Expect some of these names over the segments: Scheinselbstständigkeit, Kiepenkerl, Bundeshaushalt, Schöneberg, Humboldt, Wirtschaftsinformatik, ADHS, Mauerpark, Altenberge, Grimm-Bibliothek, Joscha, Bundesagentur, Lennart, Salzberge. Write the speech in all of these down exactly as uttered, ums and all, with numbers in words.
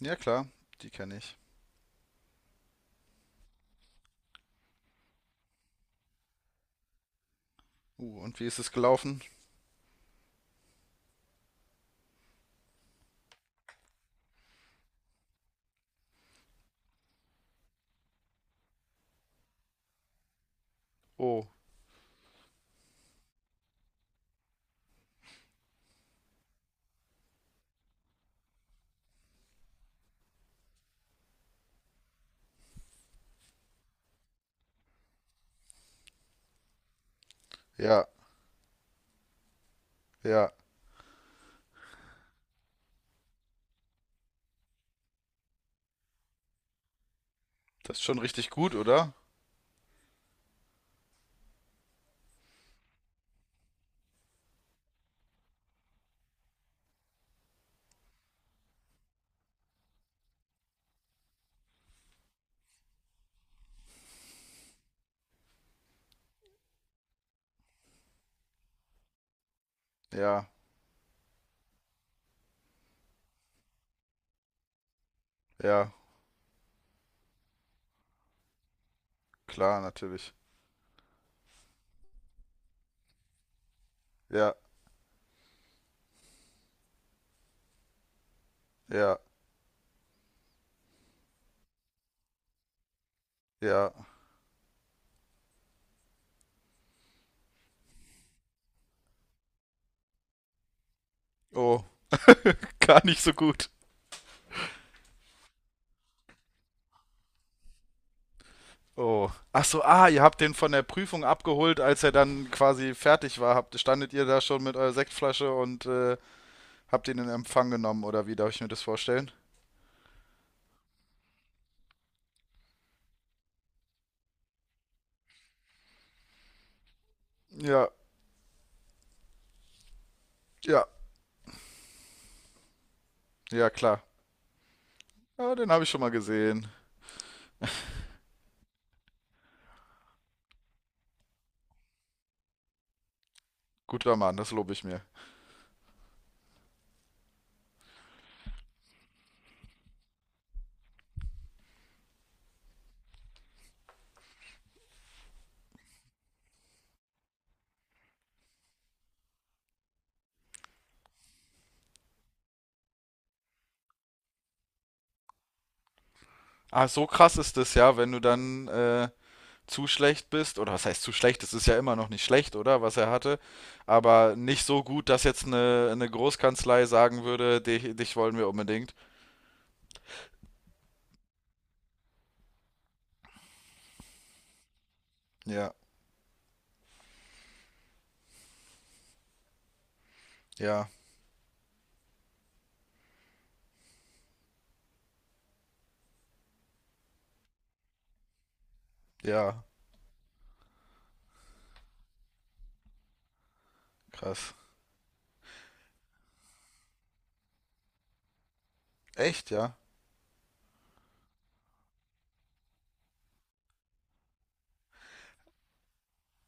Ja, klar, die kenne ich. Uh, und wie ist es gelaufen? Oh, ja, ja. Das ist schon richtig gut, oder? Ja, ja, klar, natürlich. Ja, ja, ja. Oh, gar nicht so gut. Oh. Ach so, ah, ihr habt den von der Prüfung abgeholt, als er dann quasi fertig war. Habt, standet ihr da schon mit eurer Sektflasche und äh, habt ihn in Empfang genommen, oder wie darf ich mir das vorstellen? Ja, ja, ja, klar. Ja, den habe ich schon mal gesehen. Guter Mann, das lobe ich mir. Ah, so krass ist es ja, wenn du dann äh, zu schlecht bist, oder was heißt zu schlecht, es ist ja immer noch nicht schlecht, oder, was er hatte, aber nicht so gut, dass jetzt eine, eine Großkanzlei sagen würde, dich, dich wollen wir unbedingt. Ja, ja, ja, krass. Echt, ja.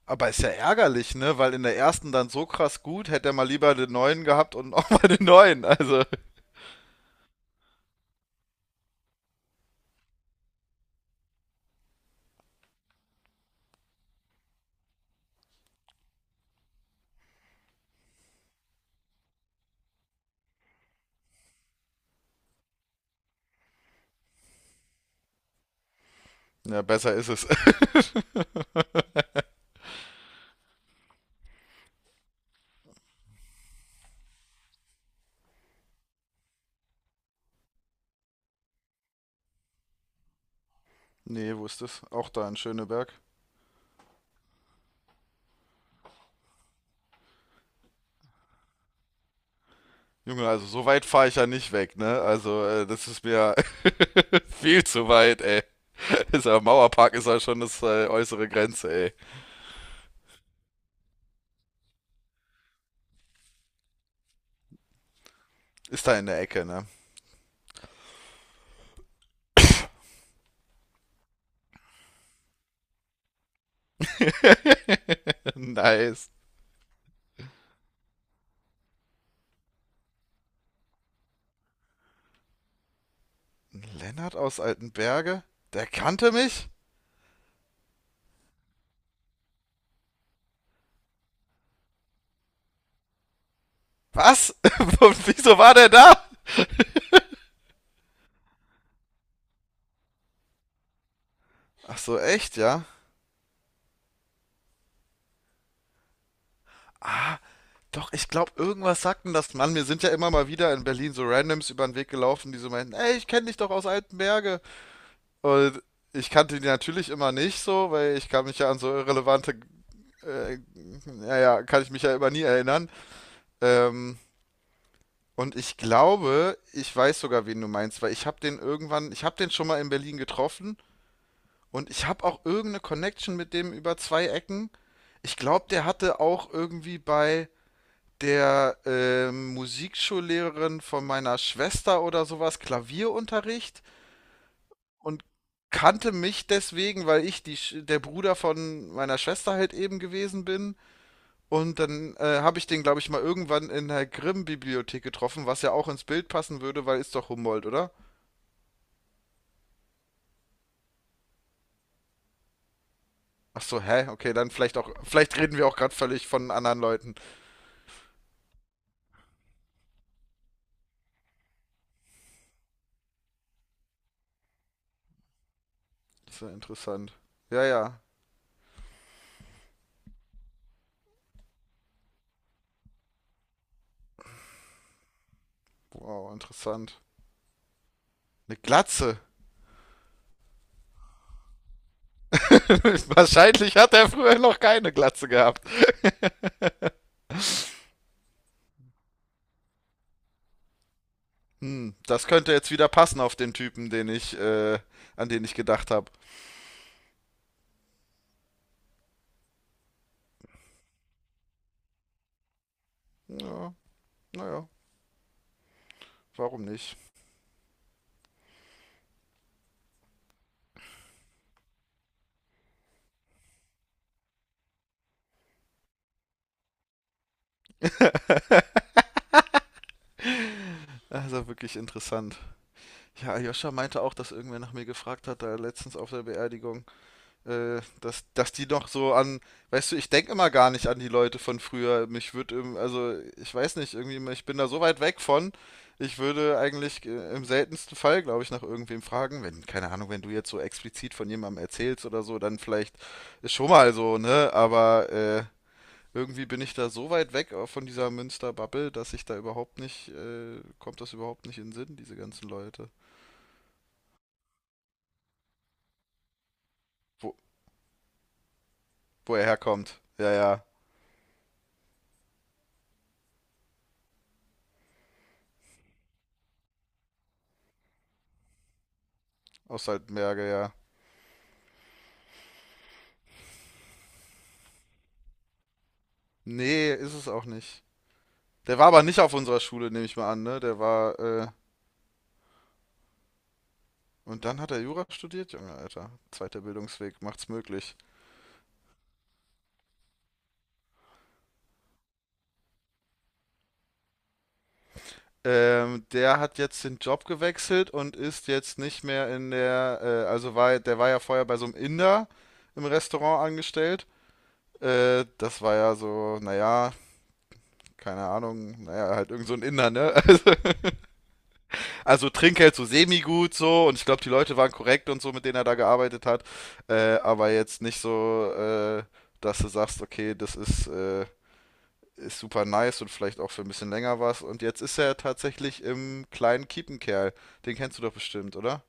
Aber ist ja ärgerlich, ne? Weil in der ersten dann so krass gut, hätte er mal lieber den neuen gehabt und auch mal den neuen. Also, ja, besser ist es. Nee, wo ist das? Auch da in Schöneberg. Junge, also so weit fahre ich ja nicht weg, ne? Also, äh, das ist mir viel zu weit, ey. Dieser Mauerpark ist ja schon das äh, äußere Grenze, ey. Ist da in der Ecke, ne? Nice. Lennart aus Altenberge? Der kannte mich? Was? Wieso war der da? Ach so, echt, ja? Ah, doch, ich glaube, irgendwas sagten das. Mann, mir sind ja immer mal wieder in Berlin so Randoms über den Weg gelaufen, die so meinten, ey, ich kenne dich doch aus Altenberge. Und ich kannte die natürlich immer nicht so, weil ich kann mich ja an so irrelevante, äh, naja, kann ich mich ja immer nie erinnern. Ähm, Und ich glaube, ich weiß sogar, wen du meinst, weil ich habe den irgendwann, ich habe den schon mal in Berlin getroffen und ich habe auch irgendeine Connection mit dem über zwei Ecken. Ich glaube, der hatte auch irgendwie bei der ähm, Musikschullehrerin von meiner Schwester oder sowas Klavierunterricht und kannte mich deswegen, weil ich die, Sch- der Bruder von meiner Schwester halt eben gewesen bin. Und dann äh, habe ich den, glaube ich, mal irgendwann in der Grimm-Bibliothek getroffen, was ja auch ins Bild passen würde, weil ist doch Humboldt, oder? Ach so, hä? Okay, dann vielleicht auch, vielleicht reden wir auch gerade völlig von anderen Leuten. Das ist ja interessant. Ja, ja. Wow, interessant. Eine Glatze. Wahrscheinlich hat er früher noch keine Glatze gehabt. Hm, das könnte jetzt wieder passen auf den Typen, den ich, äh, an den ich gedacht habe. Ja, naja, warum nicht? Also wirklich interessant. Ja, Joscha meinte auch, dass irgendwer nach mir gefragt hat, da letztens auf der Beerdigung, äh, dass, dass die noch so an, weißt du, ich denke immer gar nicht an die Leute von früher. Mich würde, also ich weiß nicht, irgendwie, ich bin da so weit weg von. Ich würde eigentlich äh, im seltensten Fall, glaube ich, nach irgendwem fragen. Wenn, keine Ahnung, wenn du jetzt so explizit von jemandem erzählst oder so, dann vielleicht ist schon mal so, ne? Aber äh, irgendwie bin ich da so weit weg auch von dieser Münster-Bubble, dass ich da überhaupt nicht, äh, kommt das überhaupt nicht in den Sinn, diese ganzen Leute. Wo, wo er herkommt. Ja, ja. Aus Salzberge, ja. Nee, ist es auch nicht. Der war aber nicht auf unserer Schule, nehme ich mal an, ne? Der war, äh, und dann hat er Jura studiert, Junge, Alter. Zweiter Bildungsweg, macht's möglich. Ähm, der hat jetzt den Job gewechselt und ist jetzt nicht mehr in der, äh, also war, der war ja vorher bei so einem Inder im Restaurant angestellt. Äh, das war ja so, naja, keine Ahnung, naja, halt irgend so ein Inder, ne? Also, Also Trinkgeld so semi-gut so und ich glaube, die Leute waren korrekt und so, mit denen er da gearbeitet hat. Äh, aber jetzt nicht so, äh, dass du sagst, okay, das ist, äh, ist super nice und vielleicht auch für ein bisschen länger was. Und jetzt ist er tatsächlich im kleinen Kiepenkerl. Den kennst du doch bestimmt, oder?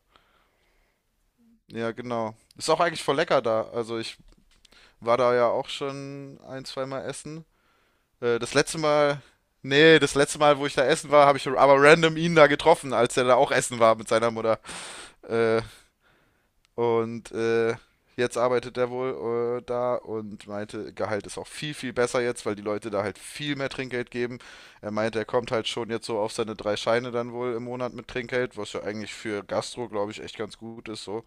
Ja, genau. Ist auch eigentlich voll lecker da. Also ich war da ja auch schon ein, zweimal essen. Äh, das letzte Mal, Nee, das letzte Mal, wo ich da essen war, habe ich aber random ihn da getroffen, als er da auch essen war mit seiner Mutter. Äh, Und äh, jetzt arbeitet er wohl äh, da und meinte, Gehalt ist auch viel, viel besser jetzt, weil die Leute da halt viel mehr Trinkgeld geben. Er meinte, er kommt halt schon jetzt so auf seine drei Scheine dann wohl im Monat mit Trinkgeld, was ja eigentlich für Gastro, glaube ich, echt ganz gut ist. So,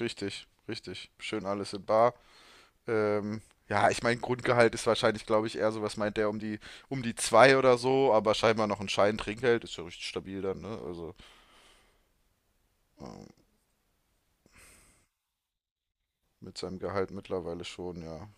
richtig, richtig. Schön alles in Bar. Ähm, ja, ich meine, Grundgehalt ist wahrscheinlich, glaube ich, eher so, was meint der, um die, um die zwei oder so, aber scheinbar noch ein Schein Trinkgeld, ist ja richtig stabil dann, ne? Also ähm, mit seinem Gehalt mittlerweile schon, ja.